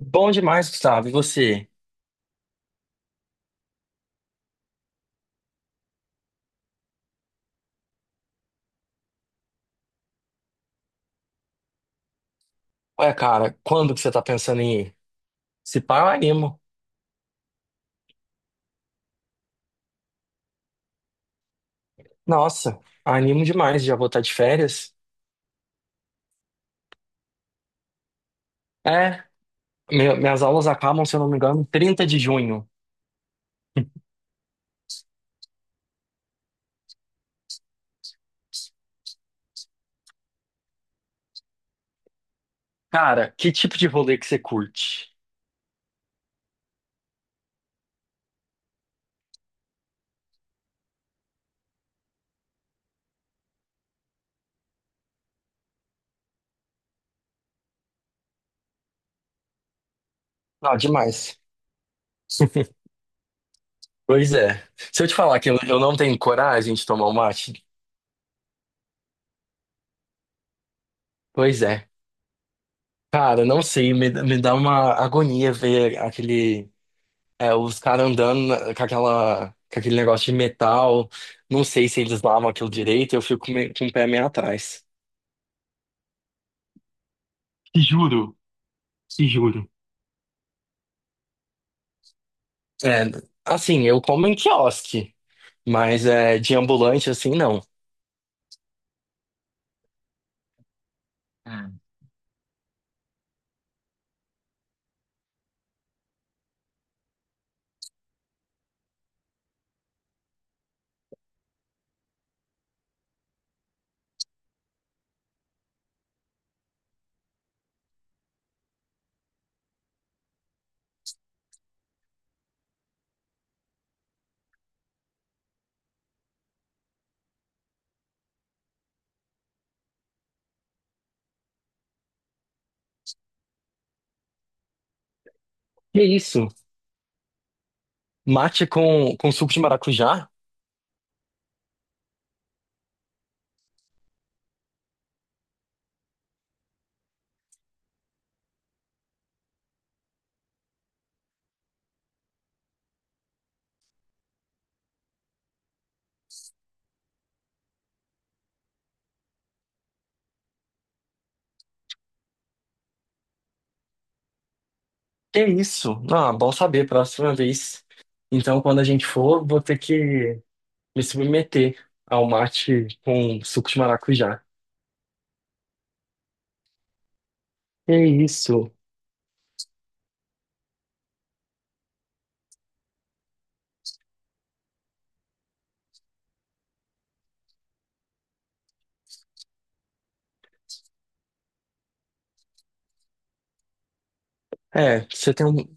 Bom demais, Gustavo. E você? Ué, cara, quando que você tá pensando em ir? Se pá, eu animo. Nossa, animo demais. Já vou estar de férias. É, minhas aulas acabam, se eu não me engano, 30 de junho. Cara, que tipo de rolê que você curte? Não, demais. Pois é. Se eu te falar que eu não tenho coragem de tomar um mate, pois é. Cara, não sei, me dá uma agonia ver aquele. É, os caras andando com com aquele negócio de metal. Não sei se eles lavam aquilo direito, eu fico com o pé meio atrás. Te juro, te juro. É, assim, eu como em quiosque, mas é, de ambulante assim, não. Ah. Que isso? Mate com suco de maracujá? Que isso? Ah, bom saber, próxima vez. Então, quando a gente for, vou ter que me submeter ao mate com suco de maracujá. Que isso? É, você tem um.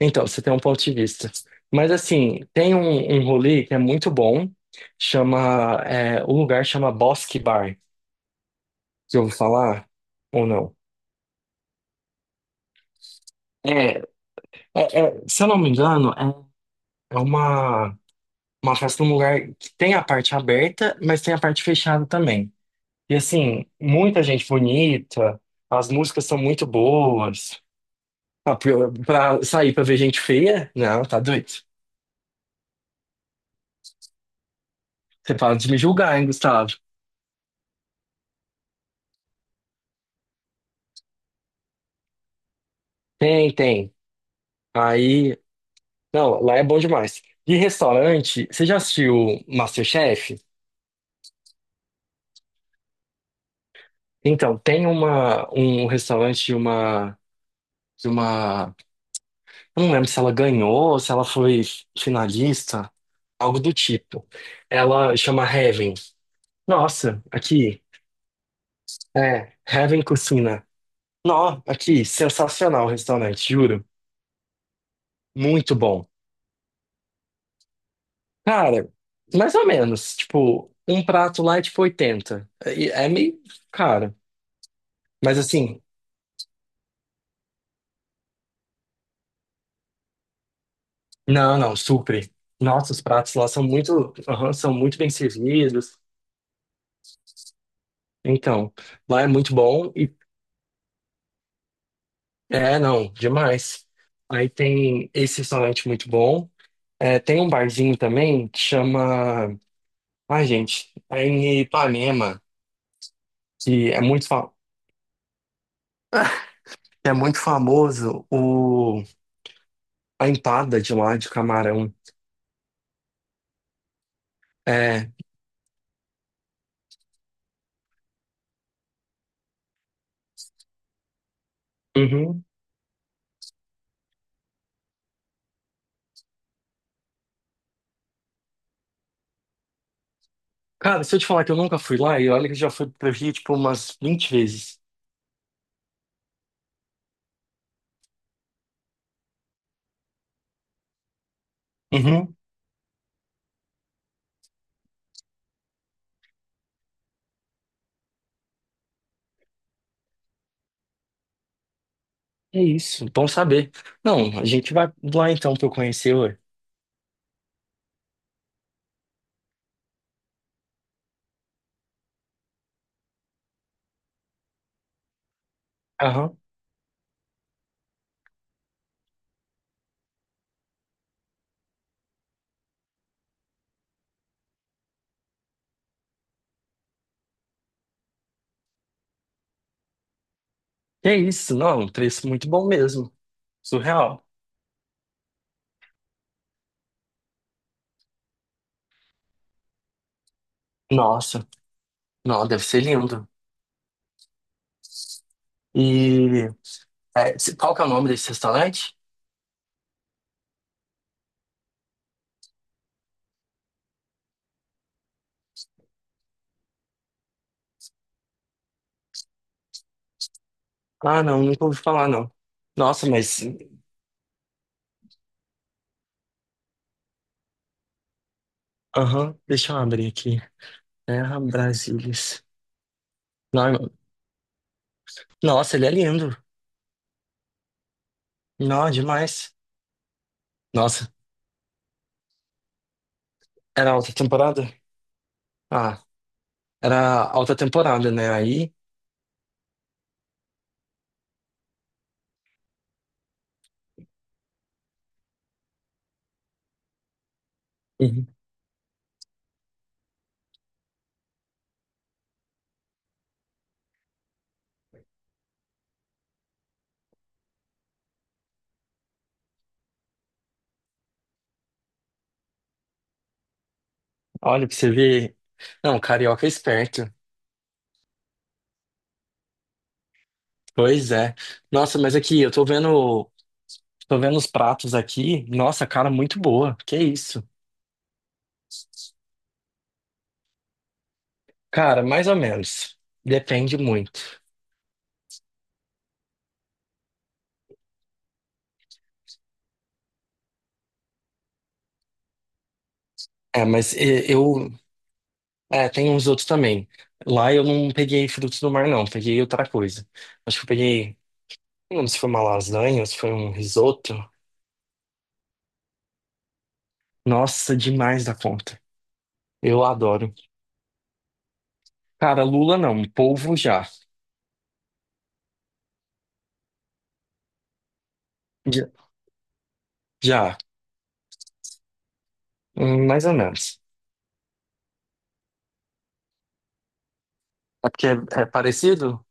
Então, você tem um ponto de vista. Mas assim, um rolê que é muito bom, chama, é, o lugar chama Bosque Bar. Que eu vou falar? Ou não? É, é- é, se eu não me engano, é uma, uma festa num lugar que tem a parte aberta, mas tem a parte fechada também. E assim, muita gente bonita, as músicas são muito boas. Ah, pra sair pra ver gente feia? Não, tá doido. Você para de me julgar, hein, Gustavo? Tem, tem. Aí. Não, lá é bom demais. E restaurante, você já assistiu MasterChef? Então, um restaurante de uma. Eu não lembro se ela ganhou, se ela foi finalista, algo do tipo. Ela chama Heaven. Nossa, aqui. É, Heaven Cucina. Nó, aqui, sensacional o restaurante, juro. Muito bom. Cara, mais ou menos. Tipo, um prato lá é tipo 80. E é meio caro. Mas assim. Não, não, super. Nossa, os pratos lá são muito, aham, são muito bem servidos. Então, lá é muito bom e é, não, demais. Aí tem esse restaurante muito bom. É, tem um barzinho também que chama, ai, gente, é em Ipanema, que é muito fa- que é muito famoso o a empada de lá de camarão. É, uhum. Cara, se eu te falar que eu nunca fui lá, e olha que eu já fui pro Rio, tipo, umas 20 vezes. Uhum. É isso, bom saber. Não, a gente vai lá então pra eu conhecer, ué. Aham. É isso, não, um preço muito bom mesmo. Surreal. Nossa, não, deve ser lindo. E qual que é o nome desse restaurante? Ah, não, nunca ouvi falar, não. Nossa, mas. Aham, deixa eu abrir aqui. Terra Brasilis. Não, nossa, ele é lindo. Não, demais. Nossa, era alta temporada? Ah, era alta temporada, né? Aí. Olha, pra você ver. Não, carioca é esperto. Pois é. Nossa, mas aqui, tô vendo os pratos aqui. Nossa, cara, muito boa. Que isso? Cara, mais ou menos. Depende muito. É, mas e- eu. É, tem uns outros também. Lá eu não peguei frutos do mar, não. Peguei outra coisa. Acho que eu peguei. Não lembro se foi uma lasanha, ou se foi um risoto. Nossa, demais da conta. Eu adoro. Cara, lula não. Polvo já. Já. Já. Mais ou menos. É porque é parecido?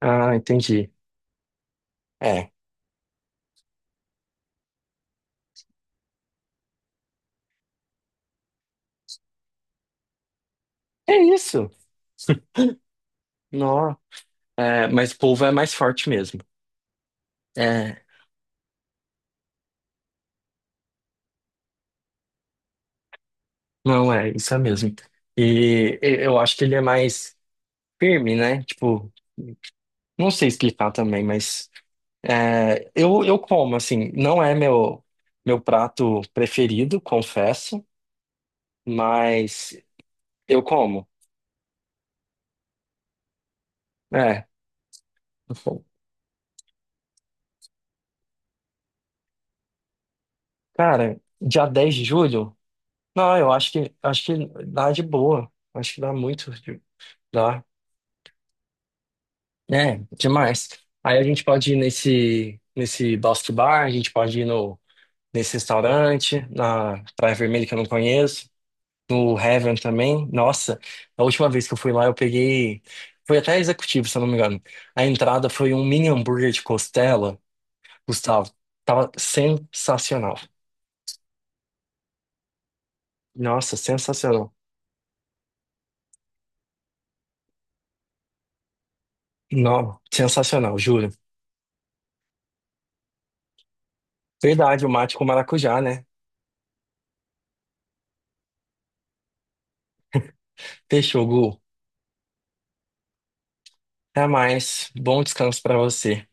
Ah, entendi. É. É isso. Não. É, mas polvo é mais forte mesmo. É. Não, é, isso é mesmo. Eu acho que ele é mais firme, né? Tipo, não sei explicar também, mas é, eu como, assim, não é meu, meu prato preferido, confesso, mas eu como. É. Eu como. Cara, dia 10 de julho? Não, eu acho que dá de boa. Acho que dá muito. Dá. É, demais. Aí a gente pode ir nesse Bosque Bar, a gente pode ir no, nesse restaurante, na Praia Vermelha que eu não conheço, no Heaven também. Nossa, a última vez que eu fui lá eu peguei. Foi até executivo, se eu não me engano. A entrada foi um mini hambúrguer de costela, Gustavo. Tava sensacional. Nossa, sensacional. Não, sensacional, juro. Verdade, o mate com maracujá, né? Fechou, Gu. Até mais. Bom descanso pra você.